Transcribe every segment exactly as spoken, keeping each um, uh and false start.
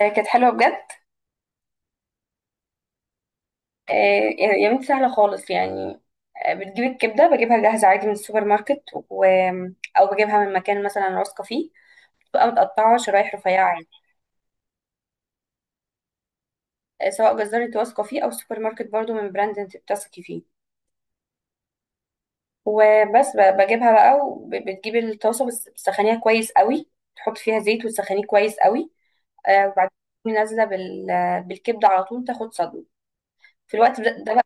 آه، كانت حلوه بجد. آه، يا بنتي سهله خالص يعني. آه، بتجيب الكبده، بجيبها جاهزه عادي من السوبر ماركت، و... او بجيبها من مكان مثلا واثقه فيه. تبقى متقطعه شرايح رفيعه عادي. آه، سواء جزار انت واثقه فيه او سوبر ماركت برضو من براند انت بتثقي فيه. وبس ب- بجيبها بقى، وبتجيبي الطاسه بس بتسخنيها كويس قوي. تحط فيها زيت وتسخنيه كويس قوي. آه، وبعدين تقومي نازله بال... بالكبده على طول، تاخد صدمه في الوقت ده ده بقى.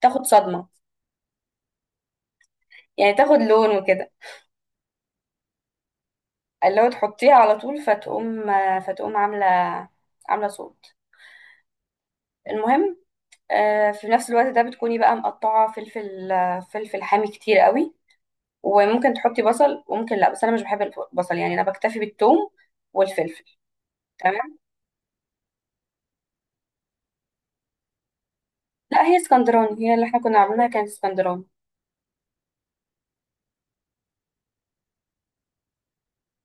تاخد صدمه، يعني تاخد لون وكده. اللي هو تحطيها على طول فتقوم فتقوم عاملة عاملة صوت. المهم، آه، في نفس الوقت ده بتكوني بقى مقطعة فلفل آه، فلفل حامي كتير قوي. وممكن تحطي بصل وممكن لا، بس انا مش بحب البصل يعني، انا بكتفي بالثوم والفلفل. تمام. لا هي اسكندراني، هي اللي احنا كنا عاملينها كانت اسكندراني.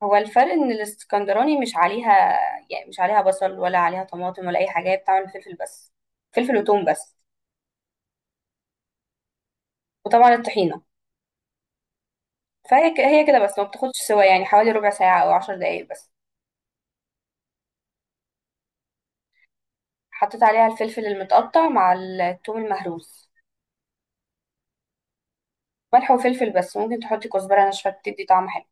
هو الفرق ان الاسكندراني مش عليها. يعني مش عليها بصل ولا عليها طماطم ولا اي حاجة، هي بتعمل فلفل بس. فلفل وثوم بس. وطبعا الطحينة. فهي ك- هي كده بس، ما بتاخدش سوا يعني حوالي ربع ساعة أو عشر دقايق بس. حطيت عليها الفلفل المتقطع مع الثوم المهروس. ملح وفلفل بس، ممكن تحطي كزبرة ناشفة بتدي طعم حلو.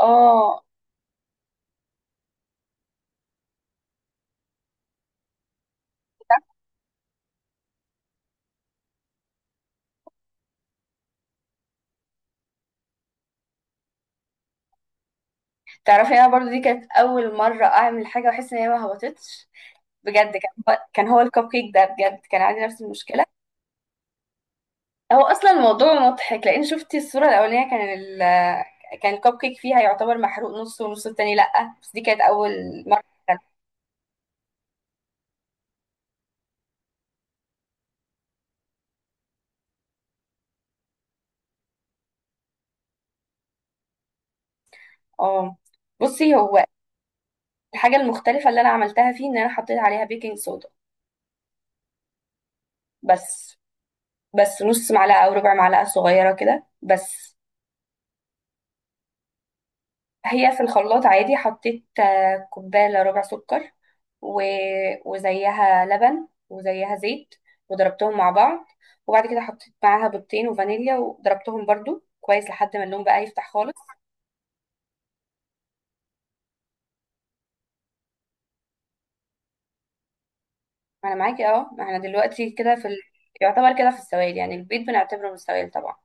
اه، تعرفي انا برضو دي كانت اول مرة اعمل حاجة واحس ان هي ما هبطتش. بجد كان كان هو الكب كيك ده، بجد كان عندي نفس المشكلة. هو اصلا الموضوع مضحك، لان شفتي الصورة الاولانية كان ال كان الكب كيك فيها يعتبر محروق نص، ونص التاني لأ، بس دي كانت اول مرة. اه، بصي هو الحاجة المختلفة اللي أنا عملتها فيه إن أنا حطيت عليها بيكنج صودا بس. بس نص معلقة أو ربع معلقة صغيرة كده بس. هي في الخلاط عادي، حطيت آه، كوباية إلا ربع سكر و... وزيها لبن وزيها زيت، وضربتهم مع بعض. وبعد كده حطيت معاها بيضتين وفانيليا، وضربتهم برضو كويس لحد ما اللون بقى يفتح خالص. أنا معاكي، أه، ما احنا دلوقتي كده في ال... يعتبر كده في السوائل، يعني البيض بنعتبره من السوائل طبعا.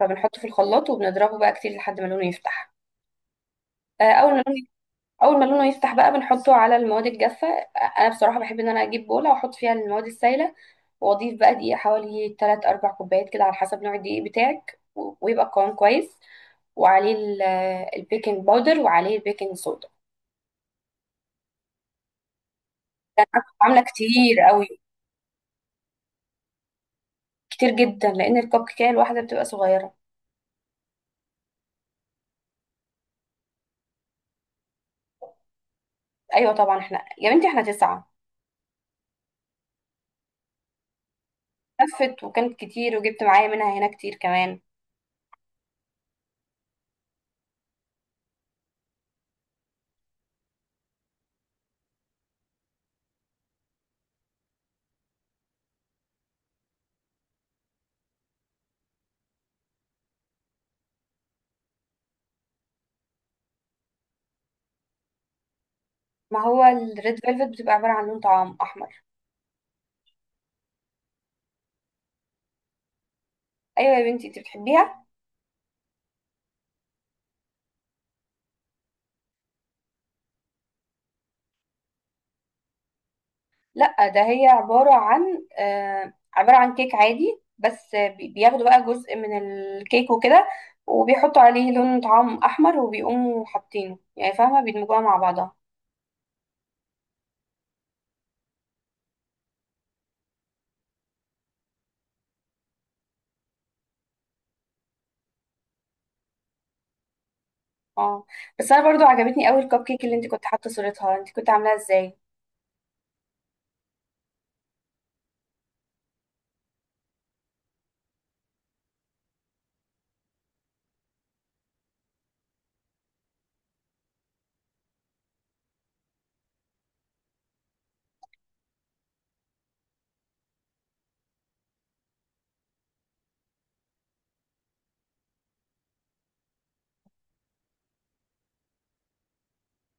فبنحطه في الخلاط وبنضربه بقى كتير لحد ما لونه يفتح. آه، اول ما اللون اول ما لونه يفتح بقى بنحطه على المواد الجافه. انا بصراحه بحب ان انا اجيب بوله واحط فيها المواد السائله. واضيف بقى دقيق حوالي ثلاث اربعة كوبايات كده على حسب نوع الدقيق بتاعك، و- ويبقى القوام كويس. وعليه ال- البيكنج باودر وعليه البيكنج صودا. ده انا كنت عامله كتير قوي. كتير جدا لان الكب كيكه الواحده بتبقى صغيره. ايوه طبعا، احنا يا بنتي احنا تسعه. لفت، وكانت كتير وجبت معايا منها هنا كتير كمان. ما هو الريد فيلفت بتبقى عباره عن لون طعام احمر. ايوه يا بنتي انت بتحبيها. لا ده هي عبارة عن آه، عبارة عن كيك عادي، بس بي- بياخدوا بقى جزء من الكيك وكده. وبيحطوا عليه لون طعام أحمر وبيقوموا حاطينه، يعني فاهمة، بيدمجوها مع بعضها. اه، بس أنا برضو عجبتني أوي الكب كيك اللي انت كنت حاطة صورتها، انت كنت عاملاها ازاي؟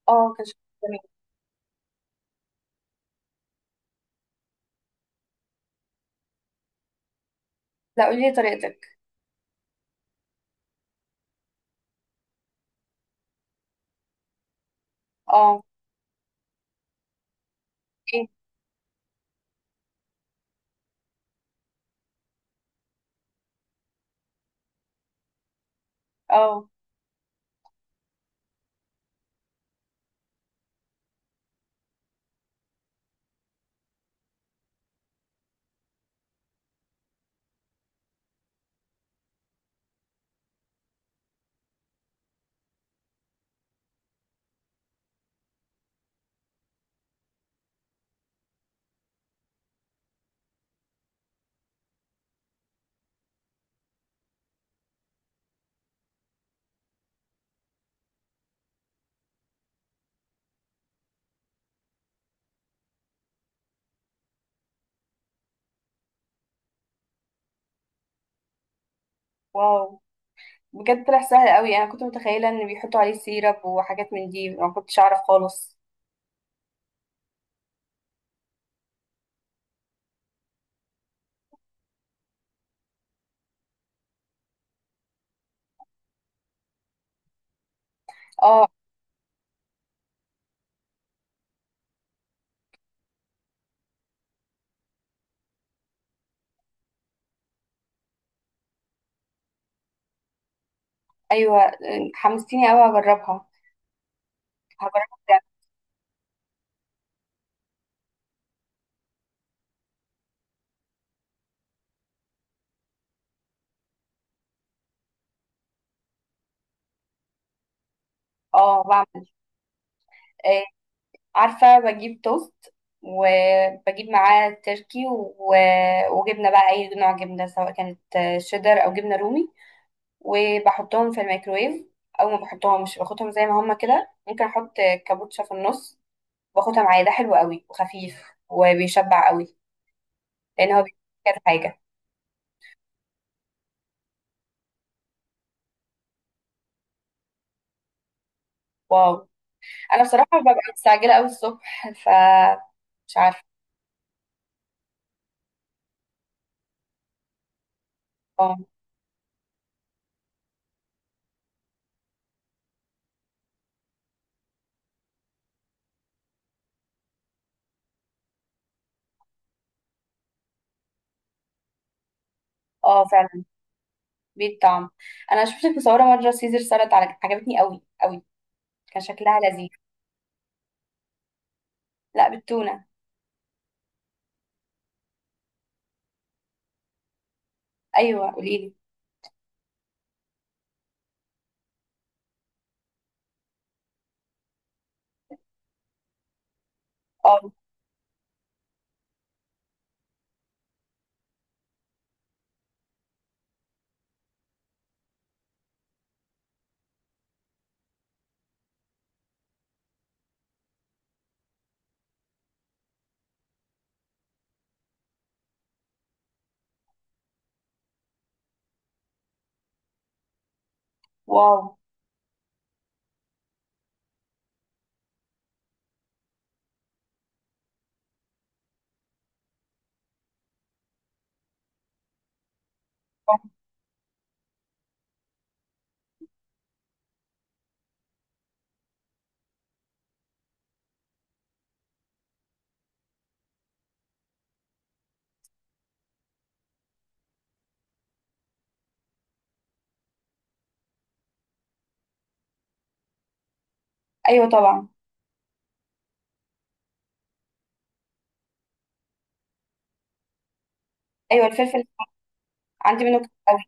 اه، كان شكلها جميل. لا، قولي لي طريقتك. اه، ايه. اه، واو، بجد طلع سهل أوي، أنا كنت متخيلة إن بيحطوا عليه سيرب وحاجات من دي، ما كنتش أعرف خالص. اه، أيوه، حمستيني أوي أجربها، هجربها. اه، بعمل آه، عارفة، بجيب توست وبجيب معاه تركي و... وجبنة بقى أي نوع جبنة، سواء كانت آه، شيدر أو جبنة رومي، وبحطهم في الميكرويف. أو ما بحطهمش، باخدهم زي ما هما كده. ممكن أحط كابوتشا في النص. باخدها معايا، ده حلو قوي وخفيف، وبيشبع قوي لأن هو بيبقى كذا حاجة. واو، أنا بصراحة ببقى مستعجلة أوي الصبح فمش عارفة. اه، اه، فعلا بيه الطعم. أنا شفتك مصورة مرة سيزر سلطة عجبتني قوي قوي، كان شكلها لذيذ. لا، بالتونة. ايوه قولي لي. اه، واو. ايوه طبعا. ايوه الفلفل عندي منه كتير قوي.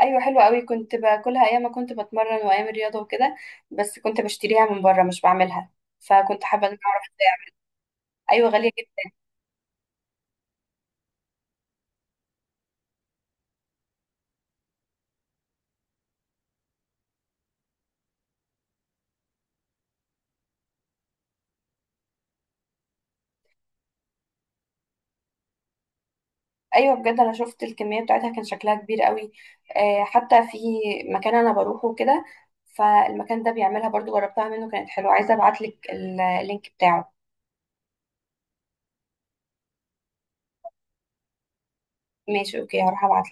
ايوه حلوه قوي، كنت باكلها ايام ما كنت بتمرن وايام الرياضه وكده، بس كنت بشتريها من بره مش بعملها، فكنت حابه ان أنا اعرف بتاع. ايوه غاليه جدا. ايوه بجد انا شفت الكميه بتاعتها كان شكلها كبير قوي. آه حتى في مكان انا بروحه كده، فالمكان ده بيعملها برضو، جربتها منه كانت حلوه، عايزه ابعت لك اللينك بتاعه. ماشي اوكي، هروح ابعت.